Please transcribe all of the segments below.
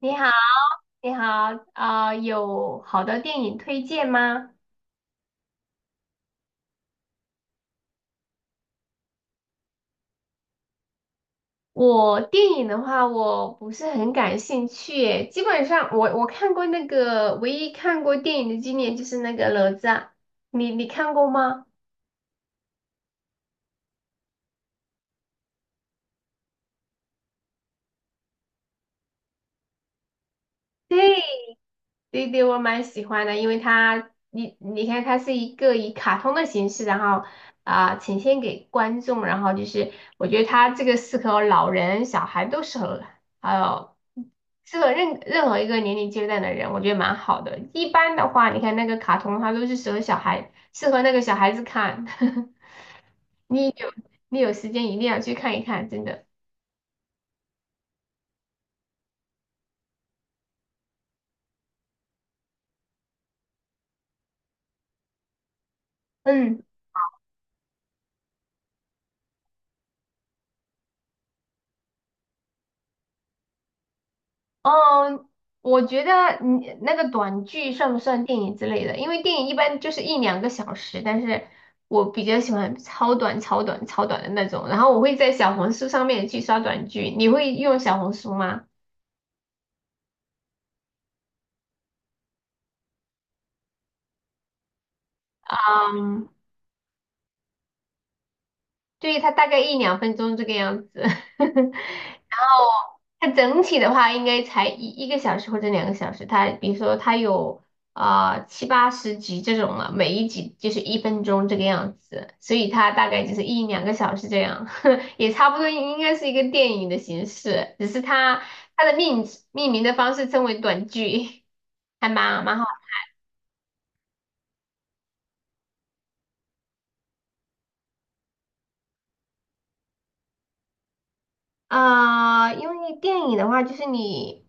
你好，你好，有好的电影推荐吗？我电影的话，我不是很感兴趣耶，基本上我看过那个，唯一看过电影的经典就是那个哪吒。你看过吗？对，对对，我蛮喜欢的。因为它，你看，它是一个以卡通的形式，然后呈现给观众。然后就是我觉得它这个适合老人、小孩都适合，还有适合任何一个年龄阶段的人，我觉得蛮好的。一般的话，你看那个卡通，它都是适合小孩，适合那个小孩子看。你有你有时间一定要去看一看，真的。嗯。嗯，我觉得你那个短剧算不算电影之类的？因为电影一般就是一两个小时，但是我比较喜欢超短、超短、超短的那种。然后我会在小红书上面去刷短剧，你会用小红书吗？嗯，对，它大概一两分钟这个样子。它整体的话应该才一个小时或者两个小时。它比如说它有七八十集这种了，每一集就是一分钟这个样子，所以它大概就是一两个小时这样。也差不多应该是一个电影的形式，只是它的命名的方式称为短剧。还蛮好。因为电影的话，就是你，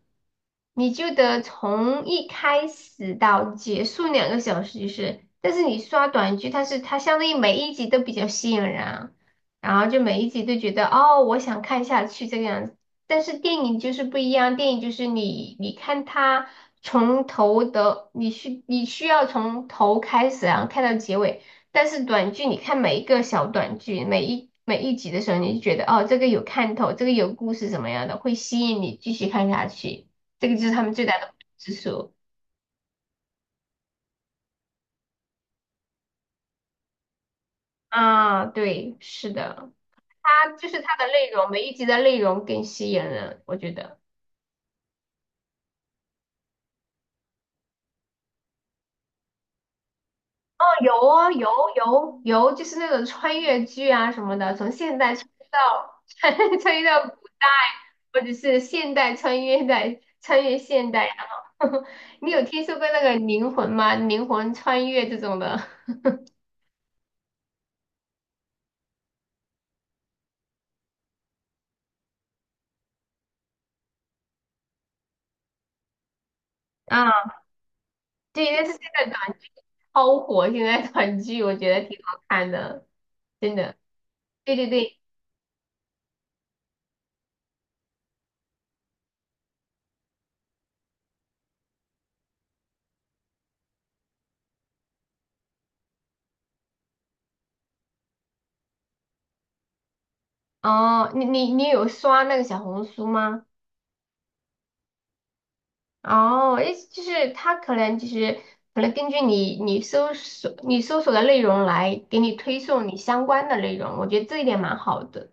你就得从一开始到结束两个小时，就是。但是你刷短剧，它是它相当于每一集都比较吸引人啊，然后就每一集都觉得哦，我想看下去这个样子。但是电影就是不一样，电影就是你看它从头的，你需要从头开始，然后看到结尾。但是短剧，你看每一个小短剧，每一集的时候，你就觉得哦，这个有看头，这个有故事怎么样的，会吸引你继续看下去。这个就是他们最大的不同之处。啊，对，是的。它就是它的内容，每一集的内容更吸引人，我觉得。有啊，有，就是那种穿越剧啊什么的，从现代穿越到 穿越到古代，或者是现代穿越在穿越现代啊。然后 你有听说过那个灵魂吗？灵魂穿越这种的啊 对，但是现在短剧超火，现在短剧我觉得挺好看的，真的。对对对。哦，你有刷那个小红书吗？哦，意思就是他可能就是根据你搜索的内容来给你推送你相关的内容，我觉得这一点蛮好的。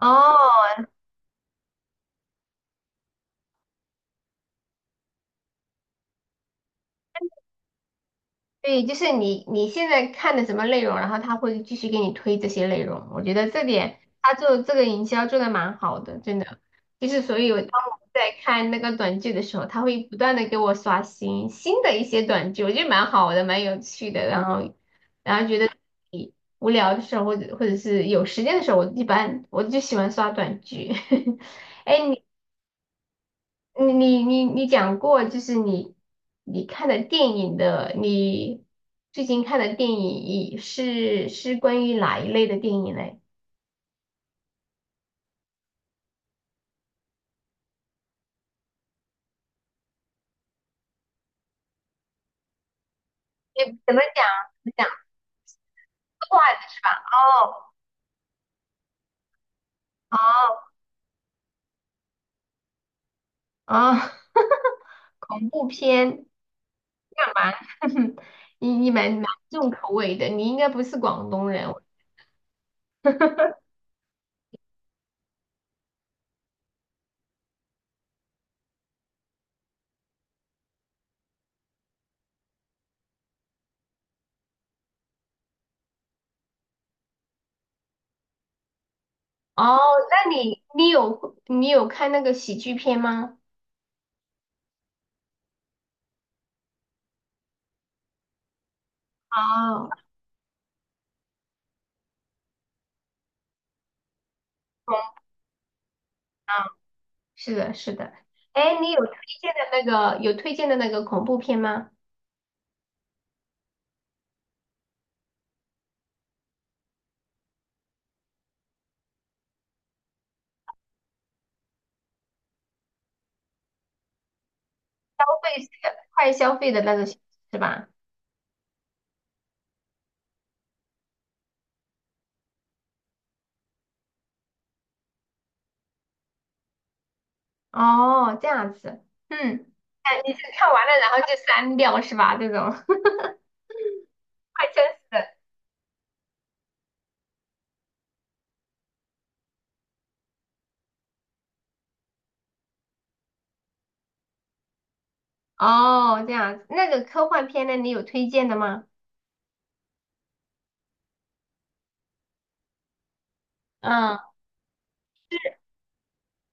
哦，对，就是你现在看的什么内容，然后他会继续给你推这些内容，我觉得这点他做这个营销做的蛮好的，真的。就是所以我当我在看那个短剧的时候，他会不断的给我刷新新的一些短剧，我觉得蛮好的，蛮有趣的，然后。然后觉得。无聊的时候，或者是有时间的时候，我一般就喜欢刷短剧。哎，你讲过，就是你看的电影的，你最近看的电影是关于哪一类的电影嘞？你怎么讲？怎么讲？哦哦哦。恐怖片，蛮 你蛮重口味的，你应该不是广东人。哦，那你有看那个喜剧片吗？哦，懂了，是的，是的。哎，你有推荐的那个恐怖片吗？类似的快消费的那种是吧？哦，这样子，嗯。看完了然后就删掉是吧？这种 快消费的。哦，这样子，那个科幻片呢，你有推荐的吗？嗯，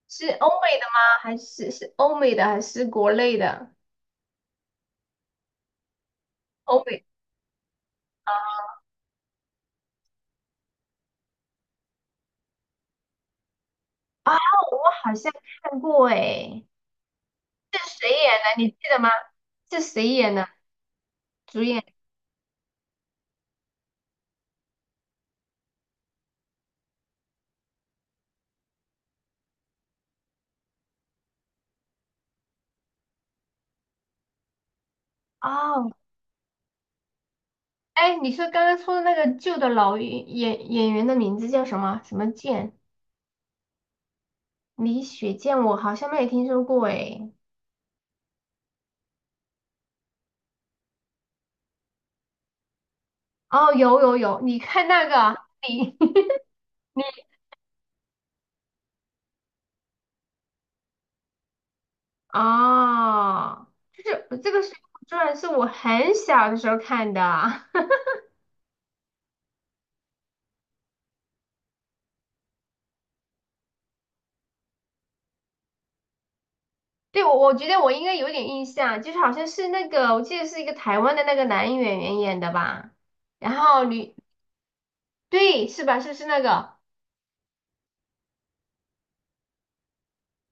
是欧美的吗？还是欧美的还是国内的？欧美。啊，我好像看过哎。是谁演的？你记得吗？是谁演的？主演？哦，哎，你说刚刚说的那个旧的老演员的名字叫什么？什么剑？李雪健，我好像没有听说过哎。哦，有有有。你看那个啊，你 你哦，就是这个《水浒传》是我很小的时候看的啊。对，我觉得我应该有点印象。就是好像是那个我记得是一个台湾的那个男演员演的吧。然后女，对，是吧？是不是那个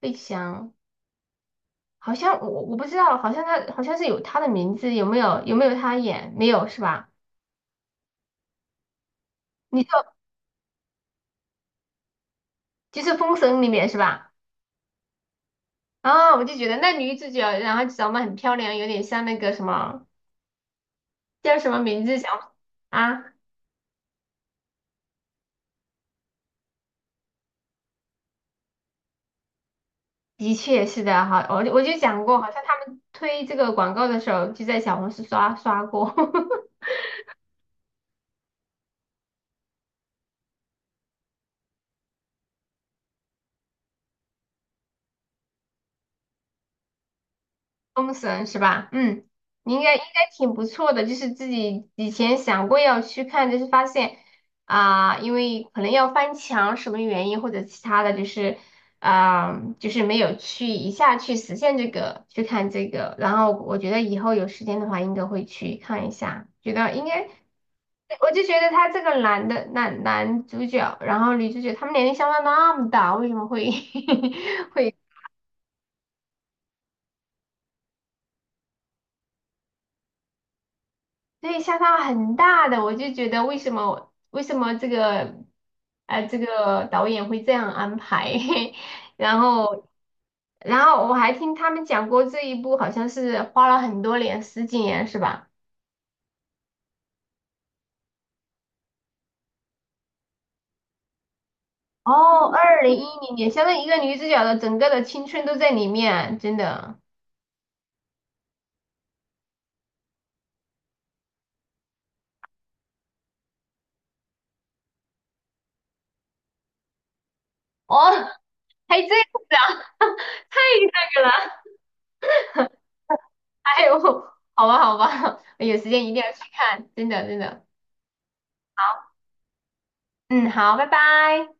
费翔？好像我不知道。好像他好像是有他的名字。有没有他演？没有是吧？你说就是《封神》里面是吧？啊，我就觉得那女主角，然后长得很漂亮，有点像那个什么叫什么名字，想啊？的确是的，哈，我就讲过，好像他们推这个广告的时候就在小红书刷过。封神是吧？嗯。你应该挺不错的，就是自己以前想过要去看，就是发现因为可能要翻墙什么原因或者其他的。就是就是没有去一下去实现这个去看这个。然后我觉得以后有时间的话应该会去看一下，觉得应该。我就觉得他这个男的男男主角，然后女主角，他们年龄相差那么大，为什么会 会。对，相差很大的，我就觉得为什么这个这个导演会这样安排。然后然后我还听他们讲过这一部好像是花了很多年，10几年是吧？哦，2010年，相当于一个女主角的整个的青春都在里面，真的。哦，还这样子啊。太那个了。哎呦，好吧好吧。有时间一定要去看，真的真的。嗯，好，拜拜。